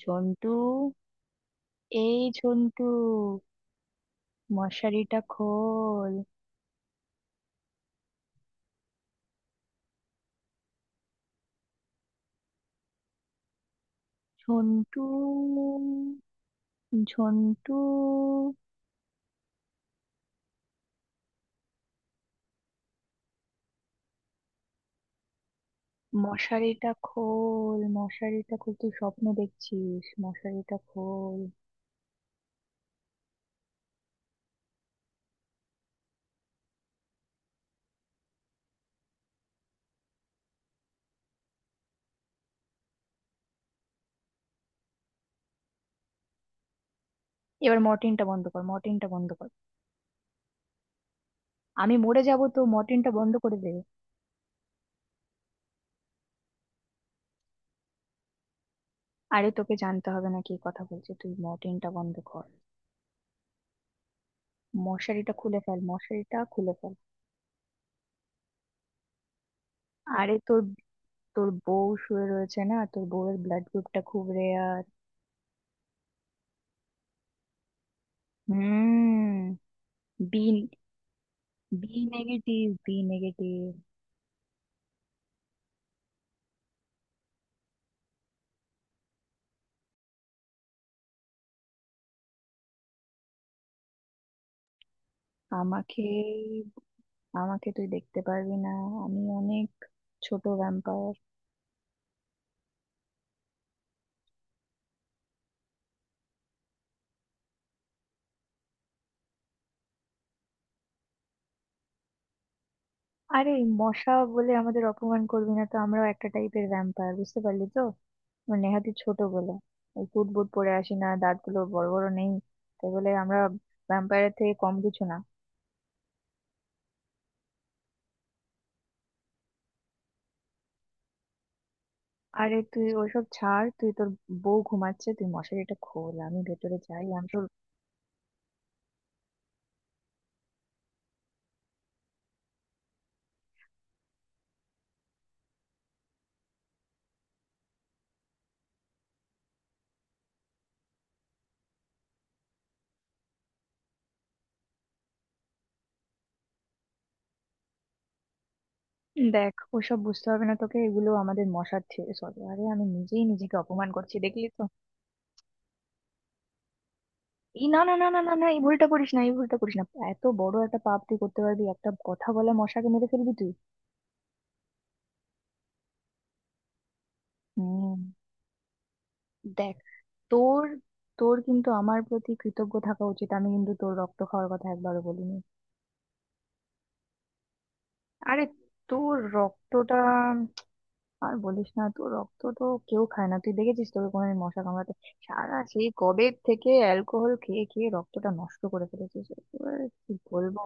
ঝন্টু! এই ঝন্টু, মশারিটা খোল। ঝন্টু, ঝন্টু, মশারিটা খোল, মশারিটা খোল, তুই স্বপ্ন দেখছিস, মশারিটা খোল। এবার মর্টিনটা বন্ধ কর, মর্টিনটা বন্ধ কর, আমি মরে যাব তো, মর্টিনটা বন্ধ করে দে। আরে তোকে জানতে হবে না কি কথা বলছে, তুই মর্টিনটা বন্ধ কর। মশারিটা খুলে ফেল, মশারিটা খুলে ফেল। আরে তোর তোর বউ শুয়ে রয়েছে না, তোর বউয়ের ব্লাড গ্রুপটা খুব রেয়ার। হুম। B B negative, B negative. আমাকে আমাকে তুই দেখতে পারবি না, আমি অনেক ছোট ভ্যাম্পায়ার। আরে মশা বলে আমাদের অপমান করবি না তো, আমরাও একটা টাইপের ভ্যাম্পায়ার, বুঝতে পারলি তো। আমরা নেহাতি ছোট বলে ওই কুট বুট পরে আসি না, দাঁতগুলো বড় বড় নেই, তাই বলে আমরা ভ্যাম্পায়ারের থেকে কম কিছু না। আরে তুই ওইসব ছাড়, তুই তোর বউ ঘুমাচ্ছে, তুই মশারিটা খোল, আমি ভেতরে যাই, আমি। দেখ ওসব বুঝতে হবে না তোকে, এগুলো আমাদের মশার থিওরি। সরি, আরে আমি নিজেই নিজেকে অপমান করছি, দেখলি তো। এই না, না, না, না, না, না, এই ভুলটা করিস না, এই ভুলটা করিস না। এত বড় একটা পাপ তুই করতে পারবি, একটা কথা বলে মশাকে মেরে ফেলবি তুই? হুম। দেখ তোর তোর কিন্তু আমার প্রতি কৃতজ্ঞ থাকা উচিত, আমি কিন্তু তোর রক্ত খাওয়ার কথা একবারও বলিনি। আরে তোর রক্তটা। আর বলিস না তো, রক্ত তো কেউ খায় না, তুই দেখেছিস তোকে কোনোদিন মশা কামড়াতে? সারা সেই কবে থেকে অ্যালকোহল খেয়ে খেয়ে রক্তটা নষ্ট করে ফেলেছিস একেবারে, কি বলবো।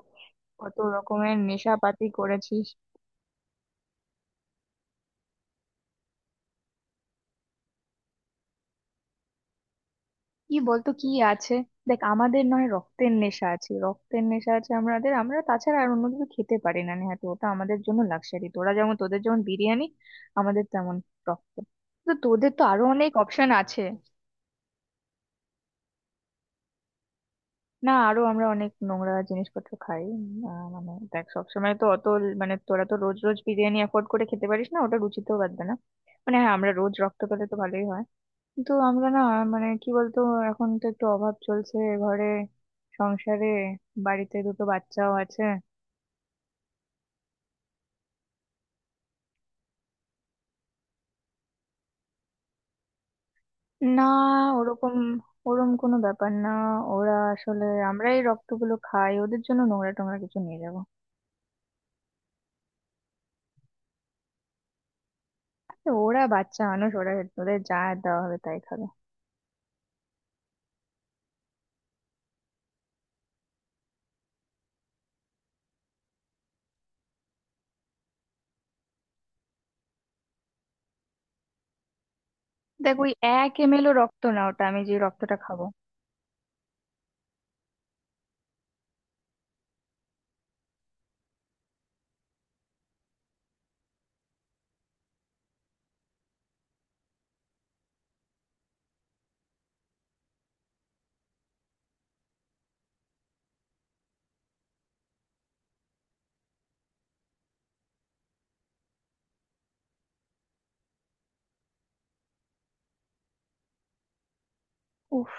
কত রকমের নেশাপাতি করেছিস। কি বলতো কি আছে। দেখ আমাদের নয় রক্তের নেশা আছে, রক্তের নেশা আছে আমাদের, আমরা তাছাড়া আর অন্য কিছু খেতে পারি না। নেহাতি ওটা আমাদের জন্য লাক্সারি। তোরা যেমন, তোদের যেমন বিরিয়ানি আমাদের তেমন রক্ত। তো তোদের তো আরো অনেক অপশন আছে। না, আরো আমরা অনেক নোংরা জিনিসপত্র খাই, মানে দেখ সবসময় তো অত মানে তোরা তো রোজ রোজ বিরিয়ানি অ্যাফোর্ড করে খেতে পারিস না, ওটা রুচিতেও বাঁধবে না। মানে হ্যাঁ আমরা রোজ রক্ত পেলে তো ভালোই হয়, কিন্তু আমরা না, মানে কি বলতো, এখন তো একটু অভাব চলছে ঘরে, সংসারে, বাড়িতে দুটো বাচ্চাও আছে। না, ওরকম, ওরম কোনো ব্যাপার না। ওরা আসলে আমরাই রক্তগুলো খাই, ওদের জন্য নোংরা টোংরা কিছু নিয়ে যাবো? ওরা বাচ্চা মানুষ, ওরা, ওদের যা দেওয়া হবে তাই খাবে। দেখ ওই এক ml ও রক্ত না ওটা, আমি যে রক্তটা খাবো। উফ,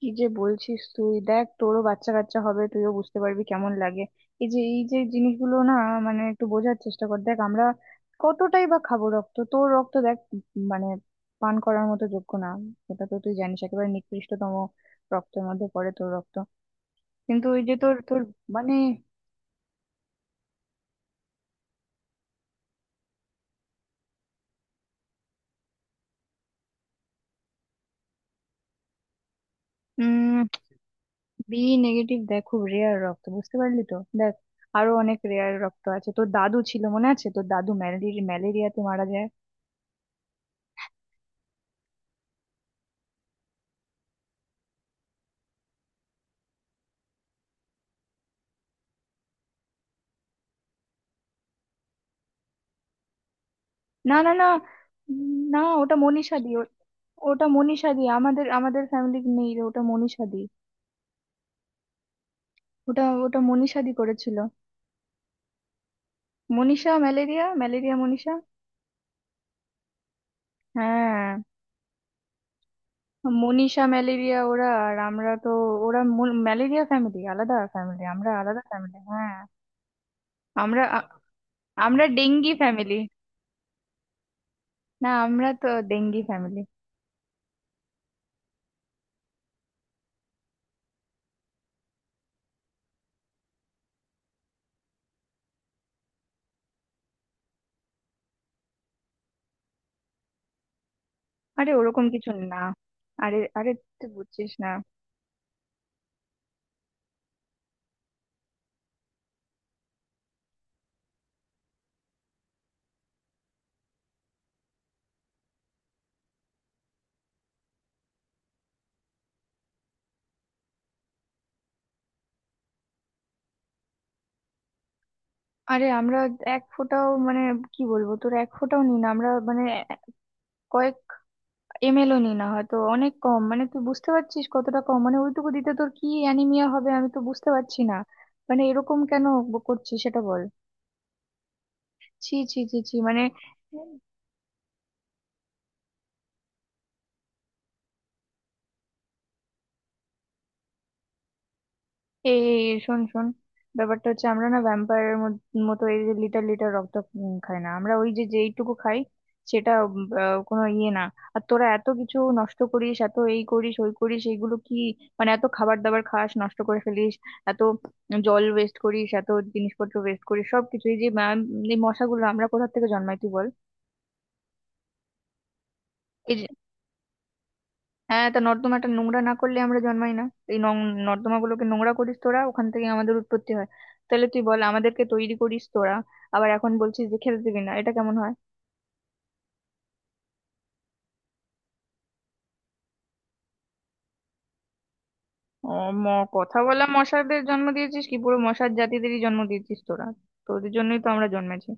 কি যে বলছিস তুই! দেখ তোরও বাচ্চা কাচ্চা হবে, তুইও বুঝতে পারবি কেমন লাগে। এই যে এই যে জিনিসগুলো না, মানে একটু বোঝার চেষ্টা কর। দেখ আমরা কতটাই বা খাবো রক্ত, তোর রক্ত দেখ মানে পান করার মতো যোগ্য না, এটা তো তুই জানিস, একেবারে নিকৃষ্টতম রক্তের মধ্যে পড়ে তোর রক্ত। কিন্তু ওই যে তোর তোর। মানে বি নেগেটিভ দেখ, খুব রেয়ার রক্ত, বুঝতে পারলি তো। দেখ আরো অনেক রেয়ার রক্ত আছে। তোর দাদু ছিল মনে আছে? তোর দাদু ম্যালেরিয়াতে মারা যায়। না, না, না, না ওটা মনীষা দি ওটা মনীষা দি, আমাদের আমাদের ফ্যামিলি নেই রে, ওটা মনীষা দি। ওটা ওটা মনীষা দি করেছিল। মনীষা ম্যালেরিয়া, ম্যালেরিয়া মনীষা, হ্যাঁ। মনীষা ম্যালেরিয়া, ওরা আর আমরা তো, ওরা ম্যালেরিয়া ফ্যামিলি, আলাদা ফ্যামিলি, আমরা আলাদা ফ্যামিলি, হ্যাঁ। আমরা আ- আমরা ডেঙ্গি ফ্যামিলি, না আমরা তো ডেঙ্গি ফ্যামিলি। আরে ওরকম কিছু না। আরে, আরে, তুই বুঝছিস না। আরে আমরা এক ফোঁটাও, মানে কি বলবো, তোর এক ফোঁটাও নি না আমরা, মানে কয়েক ml ও নি না, হয়তো অনেক কম, মানে তুই বুঝতে পারছিস কতটা কম, মানে ওইটুকু দিতে তোর কি অ্যানিমিয়া হবে? আমি তো বুঝতে পারছি না, মানে এরকম কেন করছিস, সেটা বল। ছি, ছি, ছি, ছি, মানে। এই শোন শোন, ব্যাপারটা হচ্ছে আমরা না ভ্যাম্পায়ারের মতো এই যে লিটার লিটার রক্ত খাই না আমরা, ওই যে যেইটুকু খাই সেটা কোনো ইয়ে না। আর তোরা এত কিছু নষ্ট করিস, এত এই করিস ওই করিস, এইগুলো কি, মানে এত খাবার দাবার খাস, নষ্ট করে ফেলিস, এত জল ওয়েস্ট করিস, এত জিনিসপত্র ওয়েস্ট করিস সবকিছু। এই যে ম্যাম, এই মশাগুলো আমরা কোথা থেকে জন্মাই তুই বল। হ্যাঁ, তা নর্দমাটা নোংরা না করলে আমরা জন্মাই না। এই নর্দমা গুলোকে নোংরা করিস তোরা, ওখান থেকে আমাদের উৎপত্তি হয়। তাহলে তুই বল, আমাদেরকে তৈরি করিস তোরা, আবার এখন বলছিস যে খেতে দিবি না, এটা কেমন হয়? ও ম কথা বলা মশাদের জন্ম দিয়েছিস কি? পুরো মশার জাতিদেরই জন্ম দিয়েছিস তোরা, তোদের জন্যই তো আমরা জন্মেছি।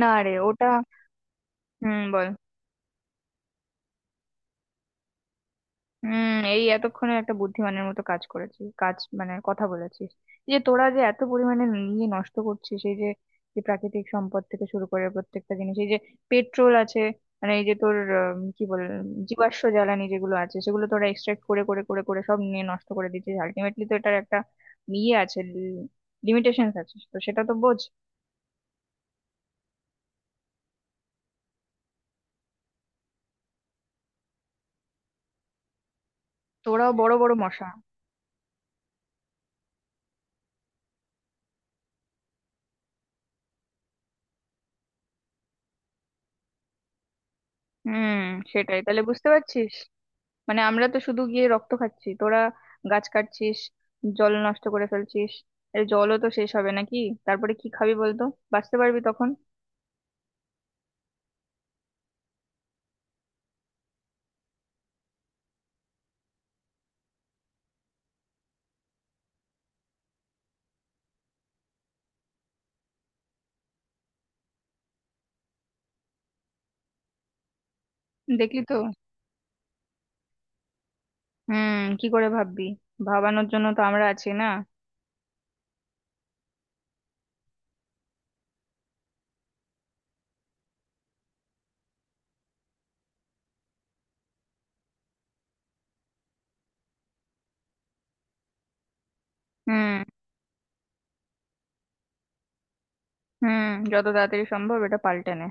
না রে, ওটা। হুম, বল। হুম, এই এতক্ষণে একটা বুদ্ধিমানের মতো কাজ করেছিস। কাজ মানে কথা বলেছিস। এই যে তোরা যে এত পরিমাণে নিয়ে নষ্ট করছিস, সেই যে, যে প্রাকৃতিক সম্পদ থেকে শুরু করে প্রত্যেকটা জিনিস, এই যে পেট্রোল আছে, মানে এই যে তোর কি বল, জীবাশ্ম জ্বালানি যেগুলো আছে, সেগুলো তোরা এক্সট্রাক্ট করে করে করে করে সব নিয়ে নষ্ট করে দিচ্ছিস। আলটিমেটলি তো এটার একটা ইয়ে আছে, লিমিটেশন আছে, তো সেটা তো বোঝ। তোরাও বড় বড় মশা। হুম, সেটাই তাহলে বুঝতে পারছিস। মানে আমরা তো শুধু গিয়ে রক্ত খাচ্ছি, তোরা গাছ কাটছিস, জল নষ্ট করে ফেলছিস। এর জলও তো শেষ হবে নাকি? তারপরে কি খাবি বলতো? বাঁচতে পারবি তখন? দেখলি তো। হুম, কি করে ভাববি, ভাবানোর জন্য তো আমরা আছি না। হুম। হুম, যত তাড়াতাড়ি সম্ভব এটা পাল্টে নে।